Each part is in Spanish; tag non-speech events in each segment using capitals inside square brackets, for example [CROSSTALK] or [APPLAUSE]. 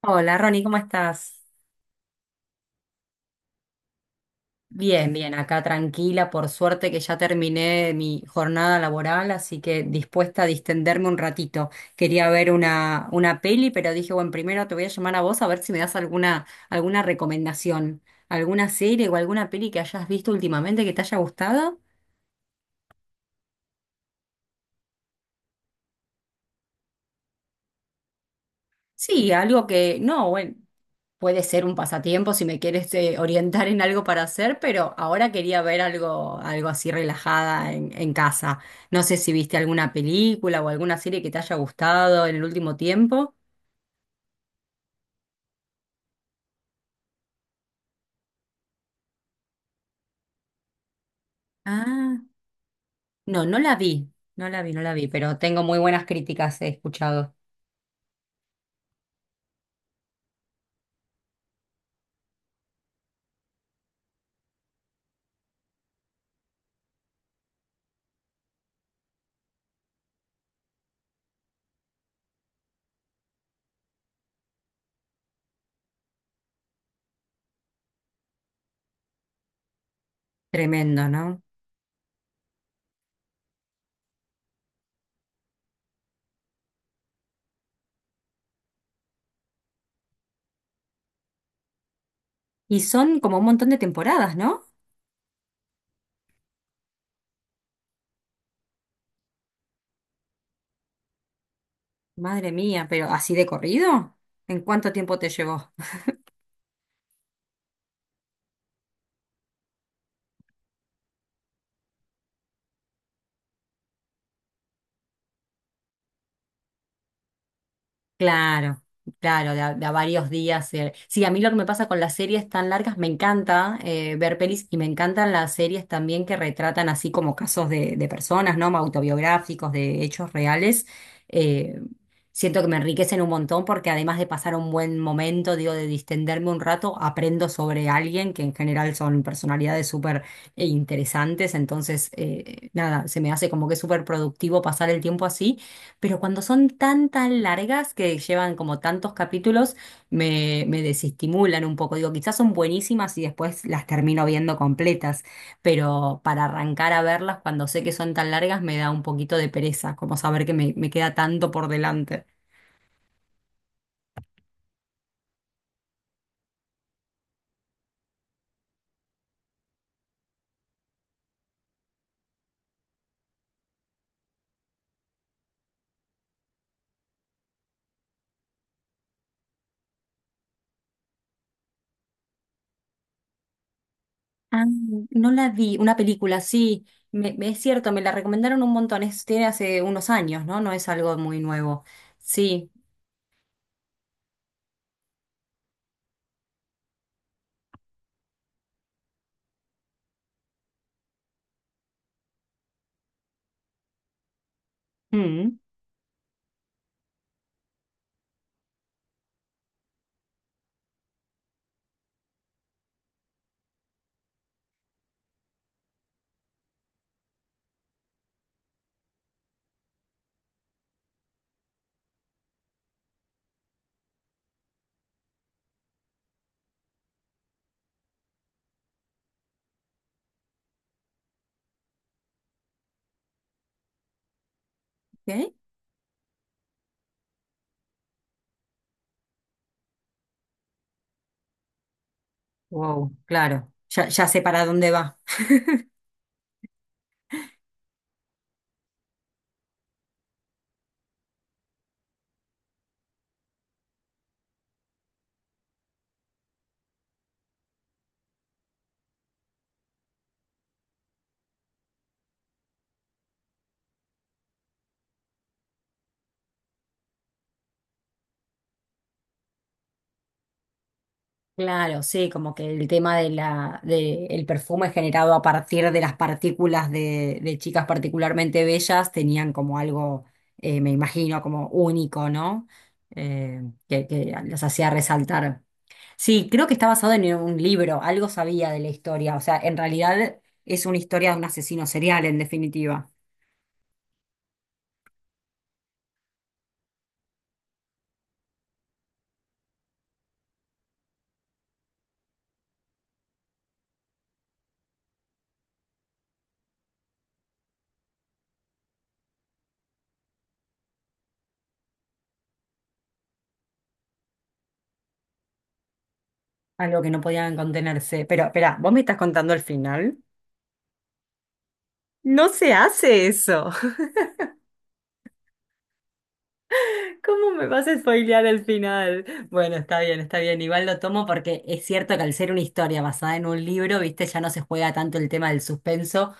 Hola, Ronnie, ¿cómo estás? Bien, bien, acá tranquila, por suerte que ya terminé mi jornada laboral, así que dispuesta a distenderme un ratito. Quería ver una peli, pero dije, bueno, primero te voy a llamar a vos a ver si me das alguna recomendación, alguna serie o alguna peli que hayas visto últimamente que te haya gustado. Sí, algo que, no, bueno, puede ser un pasatiempo si me quieres orientar en algo para hacer, pero ahora quería ver algo así relajada en casa. No sé si viste alguna película o alguna serie que te haya gustado en el último tiempo. Ah, no, no la vi, no la vi, pero tengo muy buenas críticas, he escuchado. Tremendo, ¿no? Y son como un montón de temporadas, ¿no? Madre mía, pero así de corrido. ¿En cuánto tiempo te llevó? Claro, claro, de a varios días. Sí, a mí lo que me pasa con las series tan largas, me encanta ver pelis y me encantan las series también que retratan así como casos de personas, ¿no? Autobiográficos, de hechos reales. Eh, Siento que me enriquecen un montón porque además de pasar un buen momento, digo, de distenderme un rato, aprendo sobre alguien que en general son personalidades súper interesantes. Entonces, nada, se me hace como que es súper productivo pasar el tiempo así. Pero cuando son tan largas que llevan como tantos capítulos, me desestimulan un poco. Digo, quizás son buenísimas y después las termino viendo completas, pero para arrancar a verlas cuando sé que son tan largas me da un poquito de pereza, como saber que me queda tanto por delante. Ah, no la vi, una película, sí, es cierto, me la recomendaron un montón, es, tiene hace unos años, ¿no? No es algo muy nuevo. Sí. Mm, ok. Wow, claro, ya, ya sé para dónde va. Claro, sí, como que el tema de de el perfume generado a partir de las partículas de chicas particularmente bellas tenían como algo, me imagino, como único, ¿no? Eh, que los hacía resaltar. Sí, creo que está basado en un libro, algo sabía de la historia, o sea, en realidad es una historia de un asesino serial, en definitiva, algo que no podían contenerse. Pero, espera, ¿vos me estás contando el final? No se hace eso. ¿Cómo me vas a spoilear el final? Bueno, está bien, está bien. Igual lo tomo porque es cierto que al ser una historia basada en un libro, viste, ya no se juega tanto el tema del suspenso.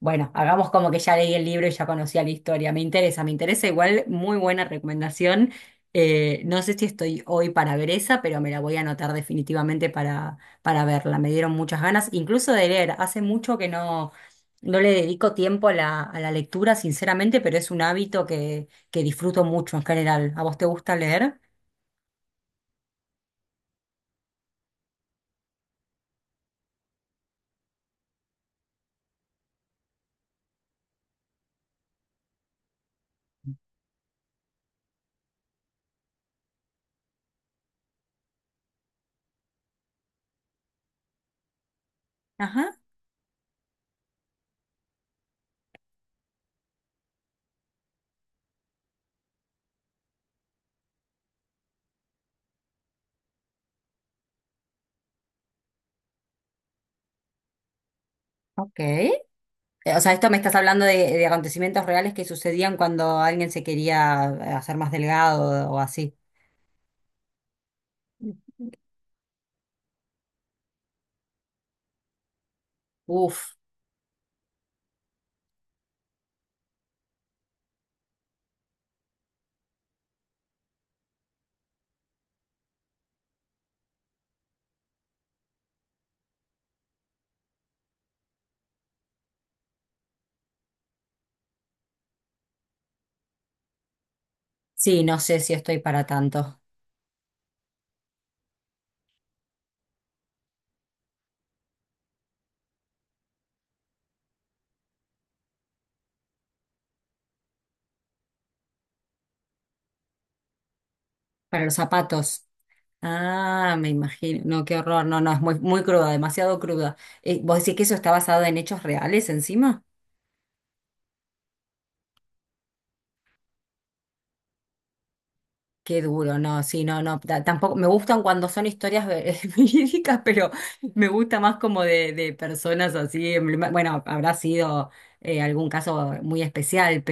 Bueno, hagamos como que ya leí el libro y ya conocía la historia. Me interesa igual. Muy buena recomendación. No sé si estoy hoy para ver esa, pero me la voy a anotar definitivamente para verla. Me dieron muchas ganas, incluso de leer. Hace mucho que no, no le dedico tiempo a a la lectura, sinceramente, pero es un hábito que disfruto mucho en general. ¿A vos te gusta leer? Ajá. Ok. O sea, esto me estás hablando de acontecimientos reales que sucedían cuando alguien se quería hacer más delgado o así. Uf, sí, no sé si estoy para tanto. Para los zapatos. Ah, me imagino. No, qué horror. No, no, es muy, muy cruda, demasiado cruda. ¿Vos decís que eso está basado en hechos reales encima? Qué duro, no, sí, no, no, tampoco, me gustan cuando son historias [LAUGHS] verídicas, pero me gusta más como de personas así, bueno, habrá sido algún caso muy especial,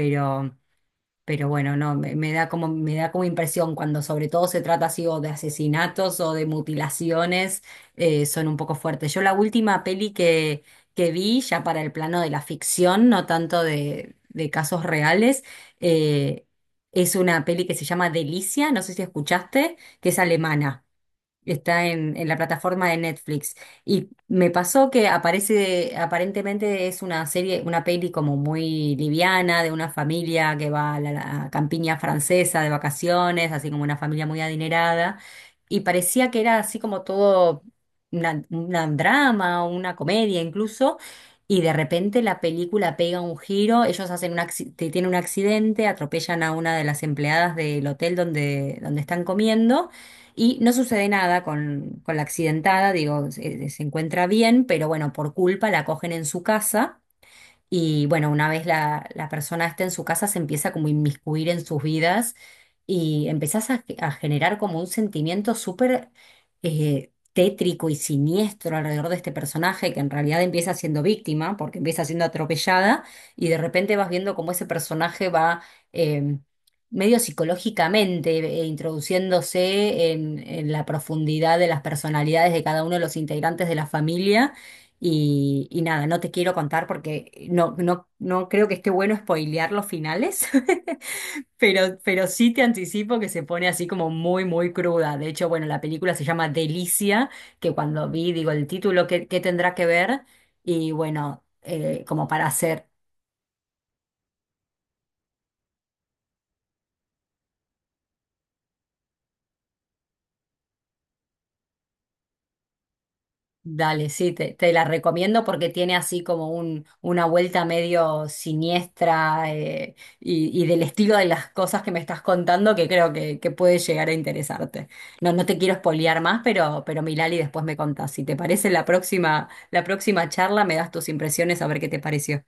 pero bueno, no, me da como impresión cuando sobre todo se trata así o de asesinatos o de mutilaciones, son un poco fuertes. Yo la última peli que vi, ya para el plano de la ficción, no tanto de casos reales, eh, es una peli que se llama Delicia, no sé si escuchaste, que es alemana. Está en la plataforma de Netflix. Y me pasó que aparece, aparentemente es una serie, una peli como muy liviana, de una familia que va a la campiña francesa de vacaciones, así como una familia muy adinerada. Y parecía que era así como todo una drama o una comedia incluso. Y de repente la película pega un giro, ellos hacen un tienen un accidente, atropellan a una de las empleadas del hotel donde están comiendo y no sucede nada con la accidentada, digo, se encuentra bien, pero bueno, por culpa la cogen en su casa y bueno, una vez la persona esté en su casa, se empieza como a inmiscuir en sus vidas y empezás a generar como un sentimiento súper tétrico y siniestro alrededor de este personaje que en realidad empieza siendo víctima, porque empieza siendo atropellada y de repente vas viendo cómo ese personaje va eh, medio psicológicamente introduciéndose en la profundidad de las personalidades de cada uno de los integrantes de la familia y nada, no te quiero contar porque no, no, no creo que esté bueno spoilear los finales, [LAUGHS] pero sí te anticipo que se pone así como muy, muy cruda. De hecho, bueno, la película se llama Delicia, que cuando vi, digo, el título, ¿qué, qué tendrá que ver? Y bueno, como para hacer. Dale, sí, te la recomiendo porque tiene así como una vuelta medio siniestra y del estilo de las cosas que me estás contando que creo que puede llegar a interesarte. No, no te quiero espolear más, pero Milali después me contás. Si te parece la próxima charla, me das tus impresiones a ver qué te pareció.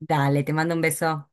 Dale, te mando un beso.